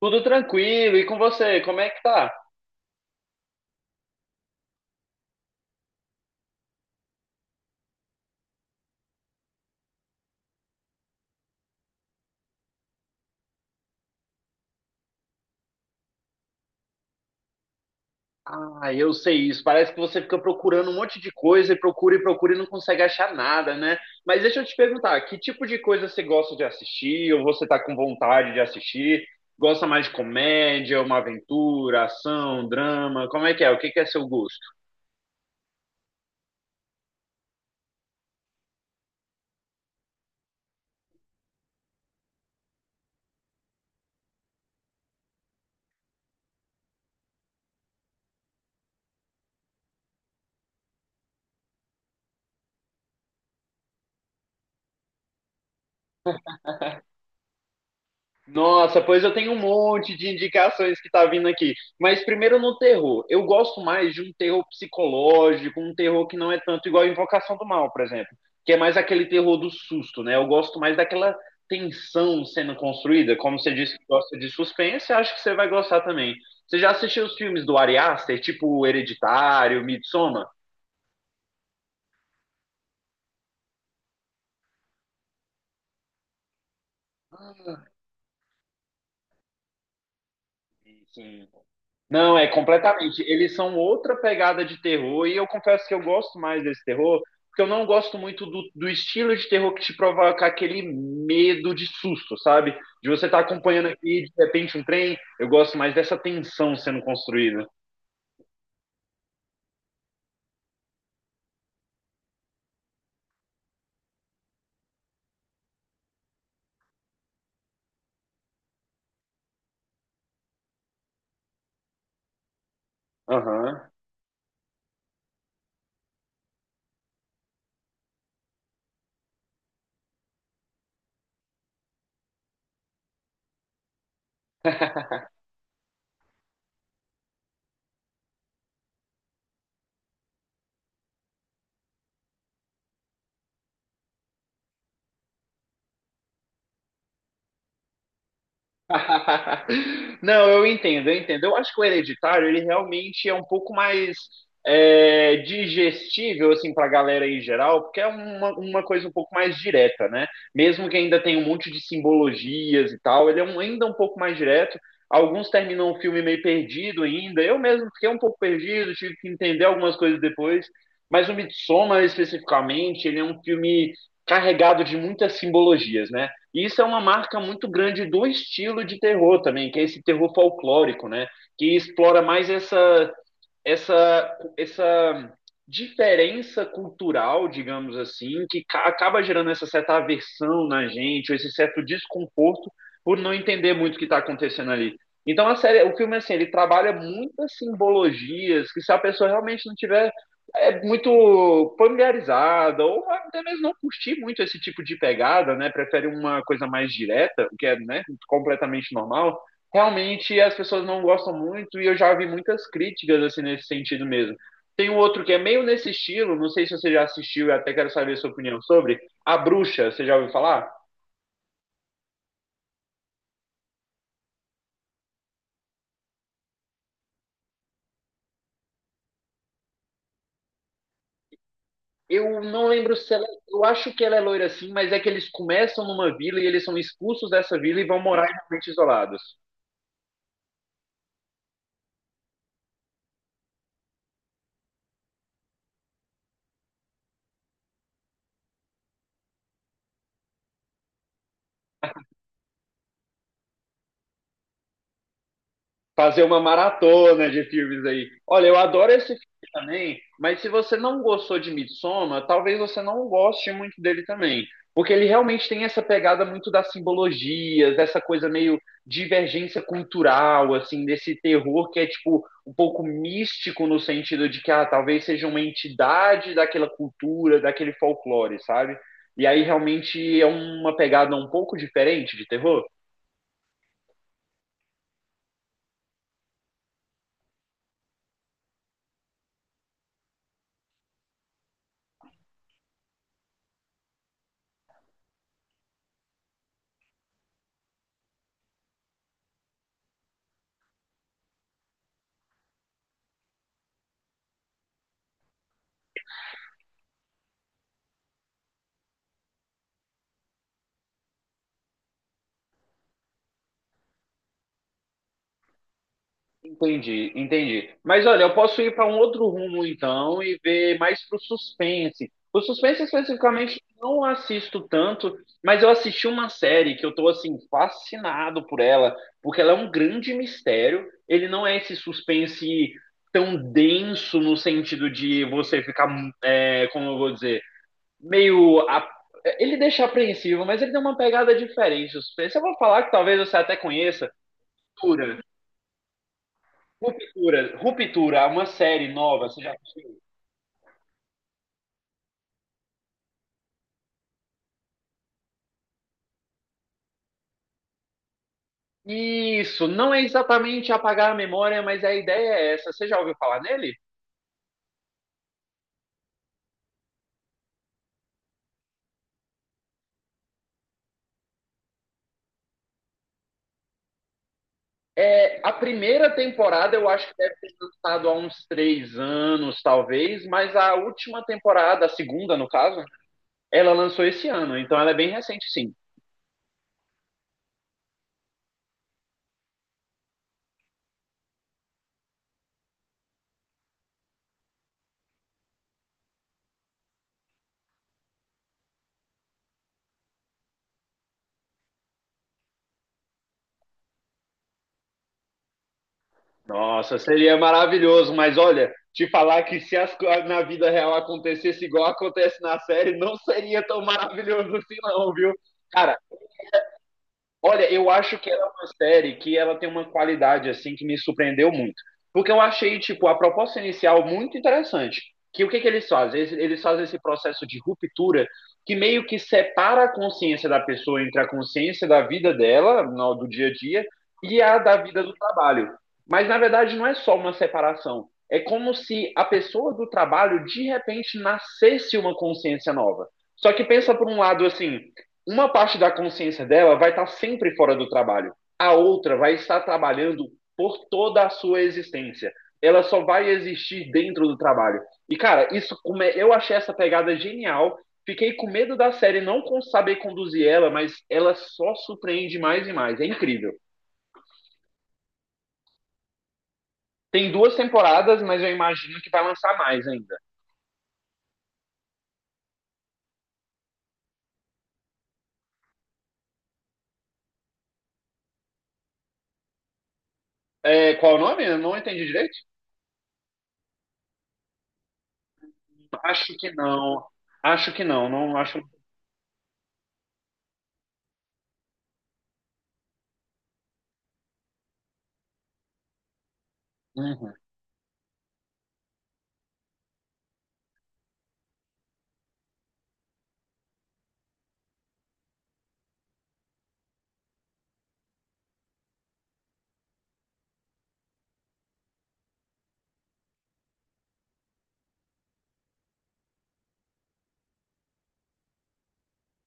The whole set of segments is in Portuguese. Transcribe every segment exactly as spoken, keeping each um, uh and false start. Tudo tranquilo, e com você, como é que tá? Ah, eu sei isso. Parece que você fica procurando um monte de coisa e procura e procura e não consegue achar nada, né? Mas deixa eu te perguntar, que tipo de coisa você gosta de assistir ou você tá com vontade de assistir? Gosta mais de comédia, uma aventura, ação, drama? Como é que é? O que que é seu gosto? Nossa, pois eu tenho um monte de indicações que tá vindo aqui. Mas primeiro no terror. Eu gosto mais de um terror psicológico, um terror que não é tanto igual a Invocação do Mal, por exemplo, que é mais aquele terror do susto, né? Eu gosto mais daquela tensão sendo construída. Como você disse que gosta de suspense, acho que você vai gostar também. Você já assistiu os filmes do Ari Aster, tipo Hereditário, Midsommar? Sim. Não, é completamente. Eles são outra pegada de terror, e eu confesso que eu gosto mais desse terror, porque eu não gosto muito do, do estilo de terror que te provoca aquele medo de susto, sabe? De você estar acompanhando aqui, de repente, um trem. Eu gosto mais dessa tensão sendo construída. Aham. Não, eu entendo, eu entendo. Eu acho que o Hereditário, ele realmente é um pouco mais é, digestível, assim, pra galera em geral, porque é uma, uma coisa um pouco mais direta, né? Mesmo que ainda tenha um monte de simbologias e tal, ele é um- ainda um pouco mais direto. Alguns terminam o filme meio perdido ainda. Eu mesmo fiquei um pouco perdido, tive que entender algumas coisas depois. Mas o Midsommar, especificamente, ele é um filme carregado de muitas simbologias, né? E isso é uma marca muito grande do estilo de terror também, que é esse terror folclórico, né? Que explora mais essa essa, essa diferença cultural, digamos assim, que ca- acaba gerando essa certa aversão na gente, ou esse certo desconforto por não entender muito o que está acontecendo ali. Então a série, o filme assim, ele trabalha muitas simbologias que se a pessoa realmente não tiver é muito familiarizada ou até mesmo não curtir muito esse tipo de pegada, né? Prefere uma coisa mais direta, o que é, né, completamente normal realmente as pessoas não gostam muito e eu já vi muitas críticas assim nesse sentido mesmo. Tem um outro que é meio nesse estilo, não sei se você já assistiu, eu até quero saber a sua opinião sobre A Bruxa, você já ouviu falar? Eu não lembro se ela, eu acho que ela é loira assim, mas é que eles começam numa vila e eles são expulsos dessa vila e vão morar em ambientes isolados. Fazer uma maratona de filmes aí. Olha, eu adoro esse filme também, mas se você não gostou de Midsommar, talvez você não goste muito dele também. Porque ele realmente tem essa pegada muito das simbologias, dessa coisa meio divergência cultural, assim, desse terror que é, tipo, um pouco místico no sentido de que, ah, talvez seja uma entidade daquela cultura, daquele folclore, sabe? E aí realmente é uma pegada um pouco diferente de terror. Entendi, entendi. Mas olha, eu posso ir para um outro rumo então e ver mais pro suspense. O suspense especificamente não assisto tanto, mas eu assisti uma série que eu tô assim fascinado por ela, porque ela é um grande mistério. Ele não é esse suspense tão denso no sentido de você ficar, é, como eu vou dizer, meio a- ele deixa apreensivo, mas ele tem uma pegada diferente. O suspense, eu vou falar que talvez você até conheça. Ruptura, Ruptura, uma série nova, você já assistiu? Isso, não é exatamente apagar a memória, mas a ideia é essa. Você já ouviu falar nele? É, a primeira temporada eu acho que deve ter lançado há uns três anos, talvez, mas a última temporada, a segunda no caso, ela lançou esse ano, então ela é bem recente, sim. Nossa, seria maravilhoso, mas olha, te falar que se as, co- na vida real acontecesse igual acontece na série, não seria tão maravilhoso assim, não, viu? Cara, olha, eu acho que ela é uma série que ela tem uma qualidade assim que me surpreendeu muito. Porque eu achei, tipo, a proposta inicial muito interessante. Que o que que eles fazem? Eles, eles fazem esse processo de ruptura que meio que separa a consciência da pessoa entre a consciência da vida dela, no- do dia a dia, e a da vida do trabalho. Mas na verdade não é só uma separação. É como se a pessoa do trabalho de repente nascesse uma consciência nova. Só que pensa por um lado assim, uma parte da consciência dela vai estar sempre fora do trabalho. A outra vai estar trabalhando por toda a sua existência. Ela só vai existir dentro do trabalho. E, cara, isso come... eu achei essa pegada genial. Fiquei com medo da série não saber conduzir ela, mas ela só surpreende mais e mais. É incrível. Tem duas temporadas, mas eu imagino que vai lançar mais ainda. É, qual o nome? Eu não entendi direito. Acho que não. Acho que não. Não acho. Uhum.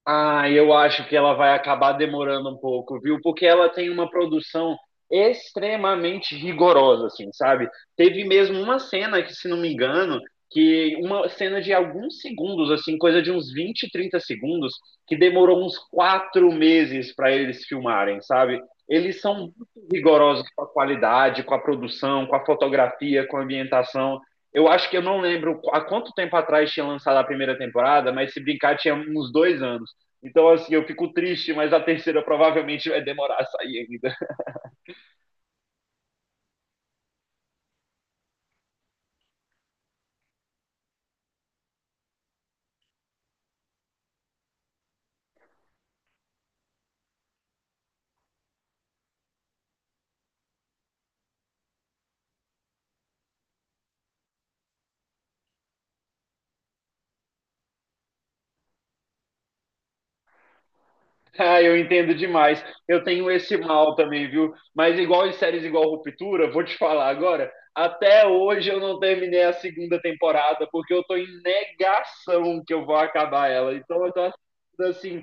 Ah, eu acho que ela vai acabar demorando um pouco, viu? Porque ela tem uma produção extremamente rigorosa, assim, sabe? Teve mesmo uma cena que, se não me engano, que uma cena de alguns segundos, assim, coisa de uns vinte, trinta segundos, que demorou uns quatro meses para eles filmarem, sabe? Eles são muito rigorosos com a qualidade, com a produção, com a fotografia, com a ambientação. Eu acho que eu não lembro há quanto tempo atrás tinha lançado a primeira temporada, mas se brincar, tinha uns dois anos. Então, assim, eu fico triste, mas a terceira provavelmente vai demorar a sair ainda. Ah, eu entendo demais. Eu tenho esse mal também, viu? Mas igual em séries igual Ruptura, vou te falar agora, até hoje eu não terminei a segunda temporada, porque eu tô em negação que eu vou acabar ela. Então, eu tô assistindo, assim,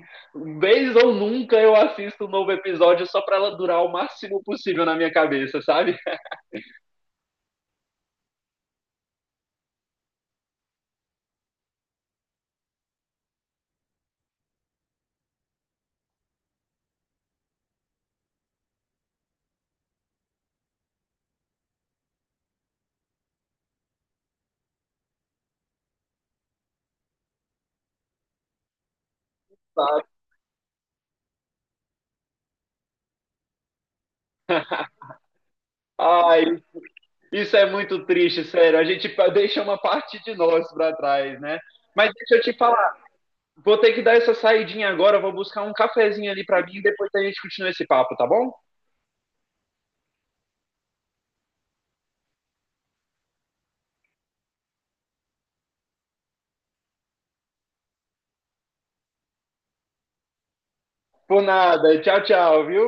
vez ou nunca eu assisto um novo episódio só para ela durar o máximo possível na minha cabeça, sabe? Ai, isso é muito triste, sério. A gente pa- deixa uma parte de nós para trás, né? Mas deixa eu te falar, vou ter que dar essa saidinha agora, vou buscar um cafezinho ali para mim e depois a gente continua esse papo, tá bom? Por nada. Tchau, tchau, viu?